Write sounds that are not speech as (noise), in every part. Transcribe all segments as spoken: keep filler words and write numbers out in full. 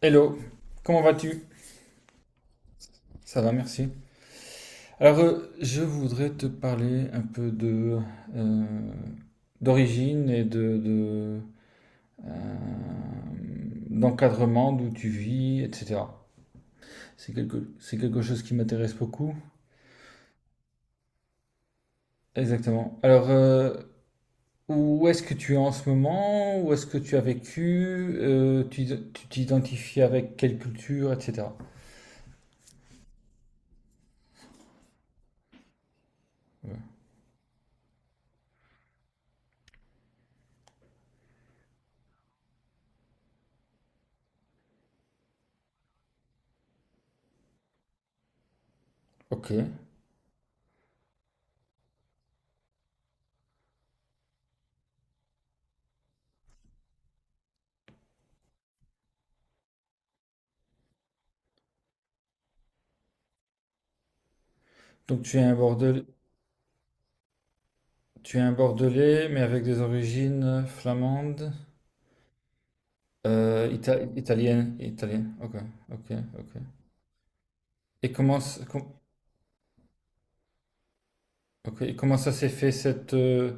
Hello, comment vas-tu? Ça va, merci. Alors, euh, je voudrais te parler un peu de euh, d'origine et de, de, euh, d'encadrement, d'où tu vis, et cetera. C'est quelque, c'est quelque chose qui m'intéresse beaucoup. Exactement. Alors, euh, où est-ce que tu es en ce moment? Où est-ce que tu as vécu? Euh, tu tu t'identifies avec quelle culture, et cetera. Ouais. Ok. Donc tu es un Bordelais. Tu es un Bordelais, mais avec des origines flamandes, euh, ita- italiennes, italiennes. Ok, ok, ok. Et comment, s- com- ok, et comment ça s'est fait cette euh,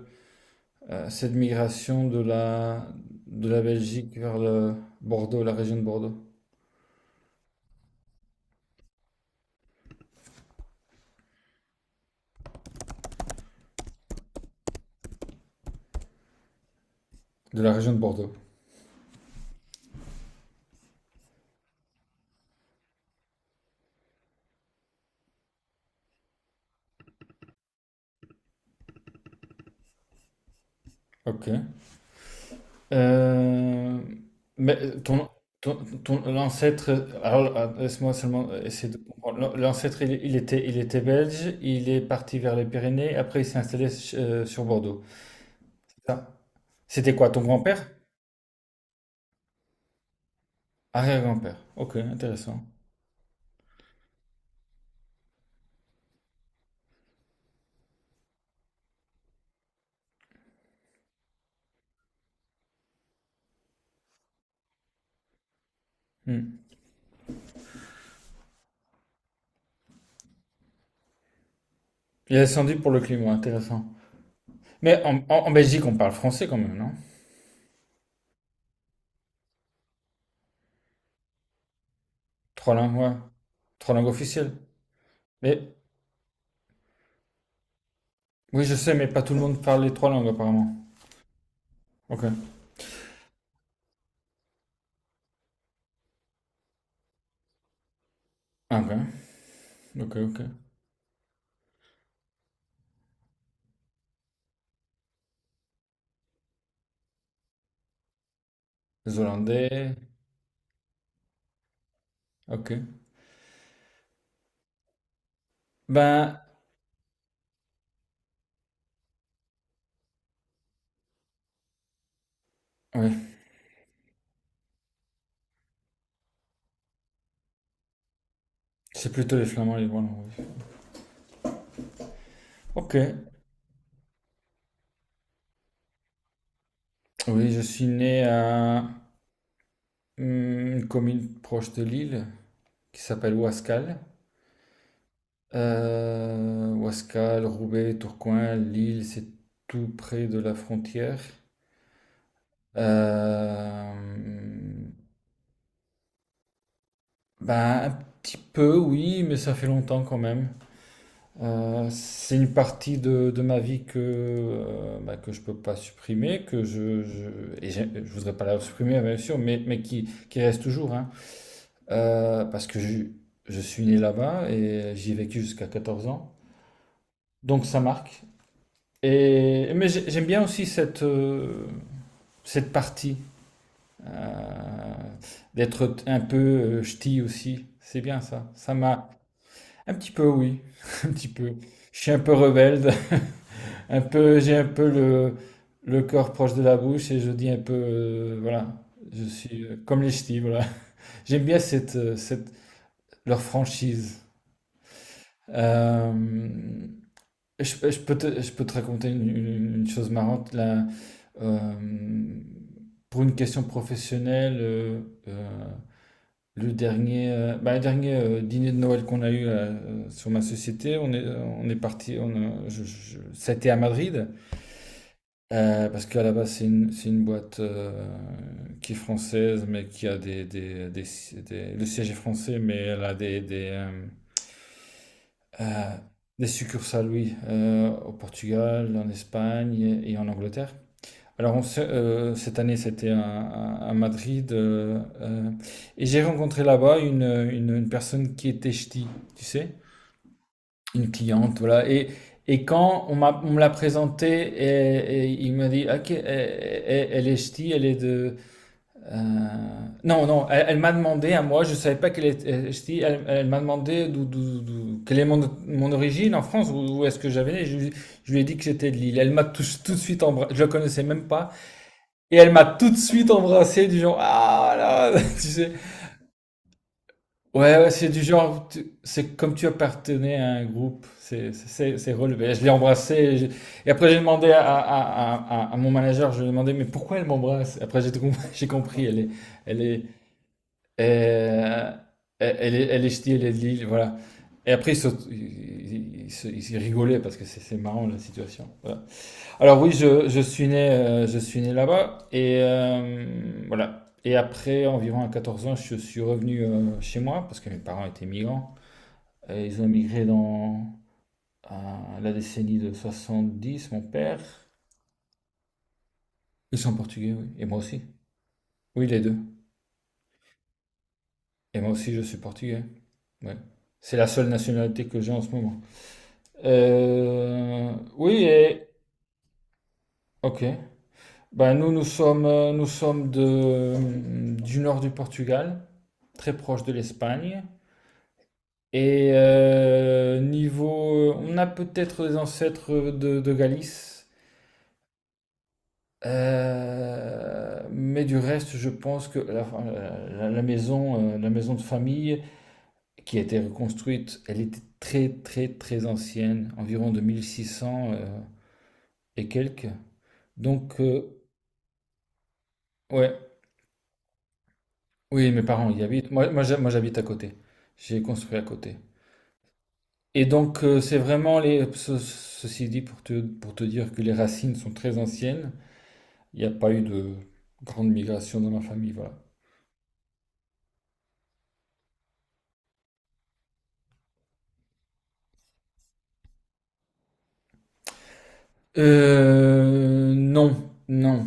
euh, cette migration de la de la Belgique vers le Bordeaux, la région de Bordeaux, de la région de Bordeaux. Ok. Euh, mais euh, ton ton, ton- l'ancêtre, alors euh, laisse-moi seulement essayer de comprendre. L'ancêtre, il, il était, il était belge, il est parti vers les Pyrénées, après il s'est installé euh, sur Bordeaux. Ça. C'était quoi, ton grand-père? Arrière-grand-père. Ok, intéressant. Hmm. Il est descendu pour le climat, intéressant. Mais en, en- en Belgique, on parle français quand même, non? Trois langues, ouais. Trois langues officielles. Mais oui, je sais, mais pas tout le monde parle les trois langues apparemment. Ok. Ah, ok, ok, ok. Les Hollandais, ok. Ben oui, c'est plutôt les Flamands et les Wallons. Oui. Ok. Oui, je suis né à hmm, une commune proche de Lille qui s'appelle Ouascal. Euh, Ouascal, Roubaix, Tourcoing, Lille, c'est tout près de la frontière. Euh, ben, un petit peu, oui, mais ça fait longtemps quand même. Euh, c'est une partie de, de ma vie que, euh, ben, que je peux pas supprimer, que je, je, et j'ai- je voudrais pas la supprimer, bien sûr, mais, mais qui, qui reste toujours, hein. Euh, parce que je, je suis né là-bas et j'y ai vécu jusqu'à quatorze ans. Donc ça marque. Et, mais j'ai- j'aime bien aussi cette, euh, cette partie, euh, d'être t- un peu euh, ch'ti aussi. C'est bien ça. Ça m'a un petit peu, oui, (laughs) un petit peu. Je suis un peu rebelle, (laughs) un peu, j'ai un peu le, le corps proche de la bouche et je dis un peu, euh, voilà, je suis euh, comme les ch'tis, voilà. (laughs) J'aime bien cette, euh, cette, leur franchise. Euh, Je, je peux te, je peux te raconter une, une- une chose marrante là. Euh, pour une question professionnelle, euh, euh, le dernier, euh, bah, le dernier euh, dîner de Noël qu'on a eu euh, sur ma société, on est, on est parti, on a- je- je- ça a été à Madrid euh, parce qu'à la base c'est une, c'est une boîte euh, qui est française mais qui a des, des, des- des- le siège est français mais elle a des, des, euh, euh, des succursales, oui, euh, au Portugal, en Espagne et en Angleterre. Alors, on s'est- euh, cette année, c'était à, à- à Madrid. Euh, euh, et j'ai rencontré là-bas une, une, une personne qui était ch'ti, tu sais, une cliente, voilà. Et, et quand on m'a, on me l'a présentée, et, et il m'a dit, OK, elle, elle- elle est ch'ti, elle est de, euh, non, non, elle, elle m'a demandé à moi, je savais pas qu'elle était, elle, je dis, elle, elle m'a demandé d'où, d'où- d'où- quelle est mon, mon origine en France, où, où est-ce que j'avais né. Je, lui- je lui ai dit que j'étais de Lille. Elle m'a tout, tout de suite embrassé, je la connaissais même pas, et elle m'a tout de suite embrassé du genre, ah là, (laughs) tu sais. Ouais, ouais, c'est du genre, tu- c'est comme tu appartenais à un groupe, c'est, c'est, c'est- relevé. Je l'ai embrassé, et, je- et après j'ai demandé à, à, à, à, à mon manager, je lui ai demandé, mais pourquoi elle m'embrasse? Après j'ai tout compris, (laughs) j'ai compris, elle est, elle est, et, euh, elle, elle est, elle est ch'ti, elle est de Lille, voilà. Et après, ils, saut- ils- ils se- ils rigolaient parce que c'est c'est marrant la situation. Voilà. Alors oui, je, je suis né, euh, je suis né là-bas et euh, voilà. Et après, environ à quatorze ans, je suis revenu euh, chez moi parce que mes parents étaient migrants. Et ils ont migré dans euh, la décennie de soixante-dix, mon père. Ils sont portugais, oui. Et moi aussi. Oui, les deux. Et moi aussi, je suis portugais. Ouais. C'est la seule nationalité que j'ai en ce moment. Euh, oui, et... Ok. Ben nous, nous sommes, euh, nous sommes de, du nord du Portugal, très proche de l'Espagne. Et euh, niveau... On a peut-être des ancêtres de, de Galice. Euh, mais du reste, je pense que la, euh, la- la maison, euh, la maison de famille qui a été reconstruite, elle était très très très ancienne, environ de mille six cents euh, et quelques. Donc, euh, ouais. Oui, mes parents y habitent. Moi, moi, j'ha- moi, j'habite à côté. J'ai construit à côté. Et donc, euh, c'est vraiment les. Ce- ceci dit, pour te, pour te dire que les racines sont très anciennes, il n'y a pas eu de grande migration dans ma famille, voilà. Euh, non, non.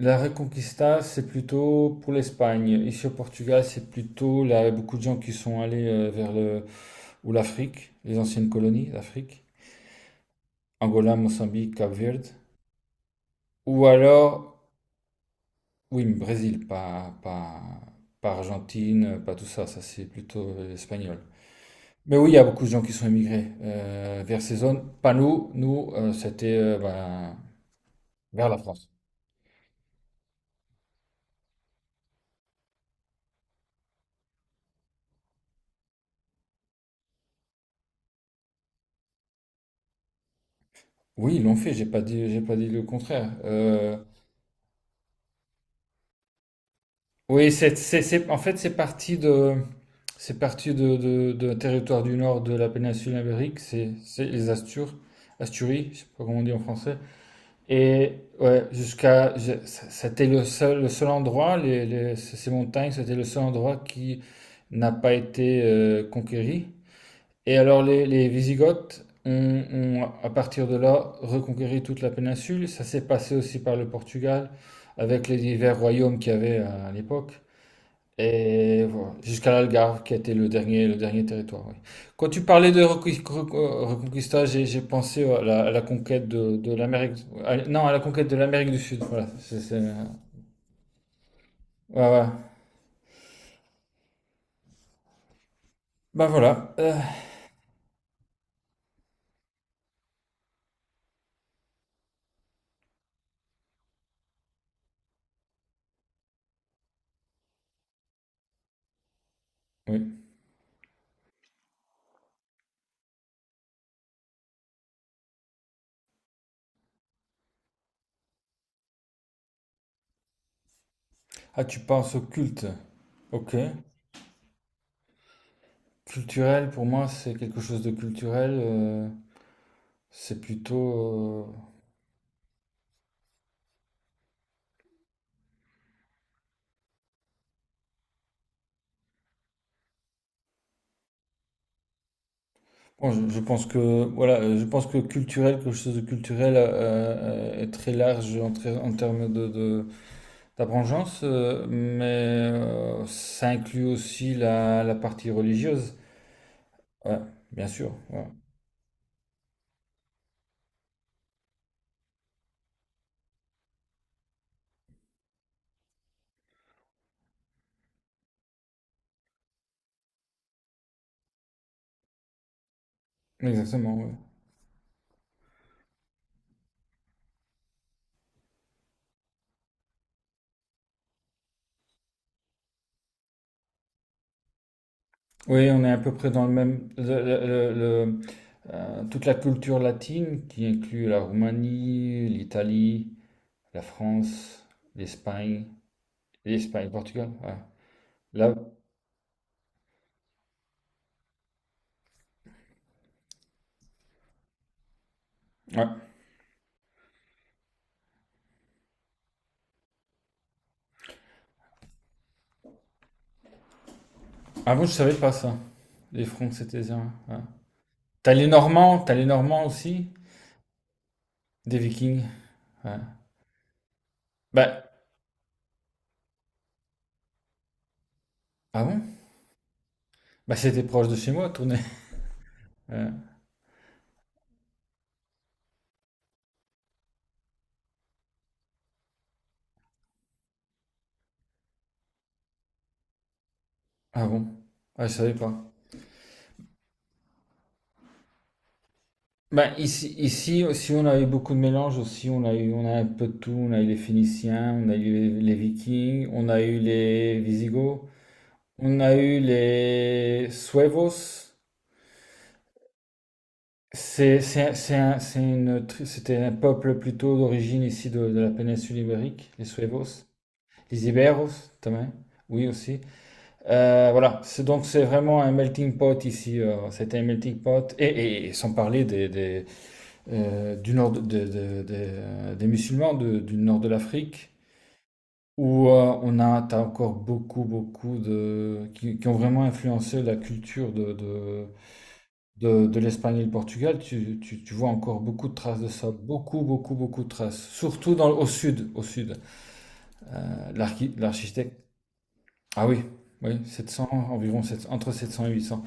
La Reconquista, c'est plutôt pour l'Espagne. Ici au Portugal, c'est plutôt là, beaucoup de gens qui sont allés euh, vers le ou l'Afrique, les anciennes colonies d'Afrique, Angola, Mozambique, Cap-Verde, ou alors Oui, mais Brésil, pas, pas, pas Argentine, pas tout ça, ça c'est plutôt euh, espagnol. Mais oui, il y a beaucoup de gens qui sont émigrés euh, vers ces zones. Pas nous, nous, euh, c'était euh, ben, vers la France. Oui, ils l'ont fait, j'ai pas dit, j'ai pas dit le contraire. Euh, oui, c'est, c'est, c'est- en fait, c'est parti de, c'est parti de, de, de territoire du nord de la péninsule ibérique, c'est, c'est les Astures, Asturies, je sais pas comment on dit en français. Et ouais, jusqu'à, je- c- c'était le seul, le seul endroit, les, les- c- ces montagnes, c'était le seul endroit qui n'a pas été euh, conquéri. Et alors les, les Wisigoths ont, ont, à partir de là, reconquéri toute la péninsule. Ça s'est passé aussi par le Portugal, avec les divers royaumes qu'il y avait à l'époque. Et voilà, jusqu'à l'Algarve, qui a été le dernier, le dernier territoire. Oui. Quand tu parlais de recu- recu- Reconquista, j'ai j'ai pensé à la, à la conquête de, de l'Amérique. À- non, à la conquête de l'Amérique du Sud. Voilà. C'est c'est- ouais, ouais. Bah voilà. Euh, oui. Ah, tu penses au culte. Ok. Culturel, pour moi, c'est quelque chose de culturel. Euh, c'est plutôt. Euh, bon, je, je pense que voilà, euh, je pense que culturel, quelque chose de culturel euh, euh, est très large en, très- en termes de, de Ta vengeance, euh, mais euh, ça inclut aussi la, la partie religieuse. Ouais, bien sûr. Ouais. Exactement. Ouais. Oui, on est à peu près dans le même. le- le- le- le- euh, Toute la culture latine qui inclut la Roumanie, l'Italie, la France, l'Espagne, l'Espagne, le Portugal. Ouais. Là, ouais. Avant, je savais pas ça. Les Francs, c'était ça. Ouais. T'as les Normands, t'as les Normands aussi, des Vikings. Ouais. Bah, ah bon? Bah, c'était proche de chez moi, tourner. Euh, ah bon? Ah, je savais pas. Bah, ici, ici, si on a eu beaucoup de mélanges aussi, on a eu, on a un peu de tout. On a eu les Phéniciens, on a eu les, les Vikings, on a eu les Visigoths, on a eu les Suevos. C'est, c'est, c'est un- c'est une, tri- C'était un peuple plutôt d'origine ici de, de la péninsule ibérique, les Suevos, les Iberos, también, oui aussi. Euh, voilà, c'est donc c'est vraiment un melting pot ici. Euh, c'était un melting pot, et, et- et sans parler des, des, euh, du nord de, de- de- de- euh, des musulmans de- du nord de l'Afrique, où euh, on a, t'as encore beaucoup, beaucoup de, qui, qui ont vraiment influencé la culture de, de, de, de l'Espagne et le Portugal. Tu, tu, tu vois encore beaucoup de traces de ça, beaucoup, beaucoup, beaucoup de traces, surtout dans, au sud, au sud. Euh, l'archi- l'architecte, ah oui, oui, sept cents environ sept cents, entre sept cents et huit cents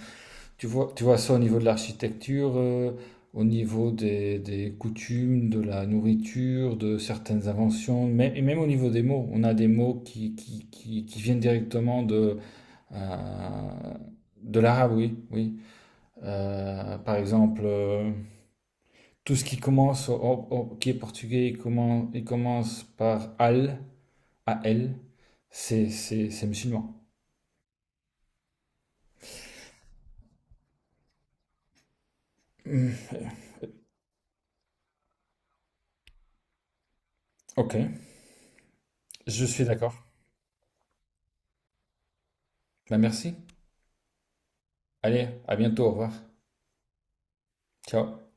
Tu vois, tu vois ça au niveau de l'architecture, euh, au niveau des, des coutumes, de la nourriture, de certaines inventions, mais, et même au niveau des mots. On a des mots qui, qui, qui, qui viennent directement de, euh, de l'arabe, oui, oui. Euh, par exemple, euh, tout ce qui commence, au- au- qui est portugais, il commence, il commence par al, a l, c'est c'est- c'est musulman. Ok, je suis d'accord. Ben merci. Allez, à bientôt, au revoir. Ciao.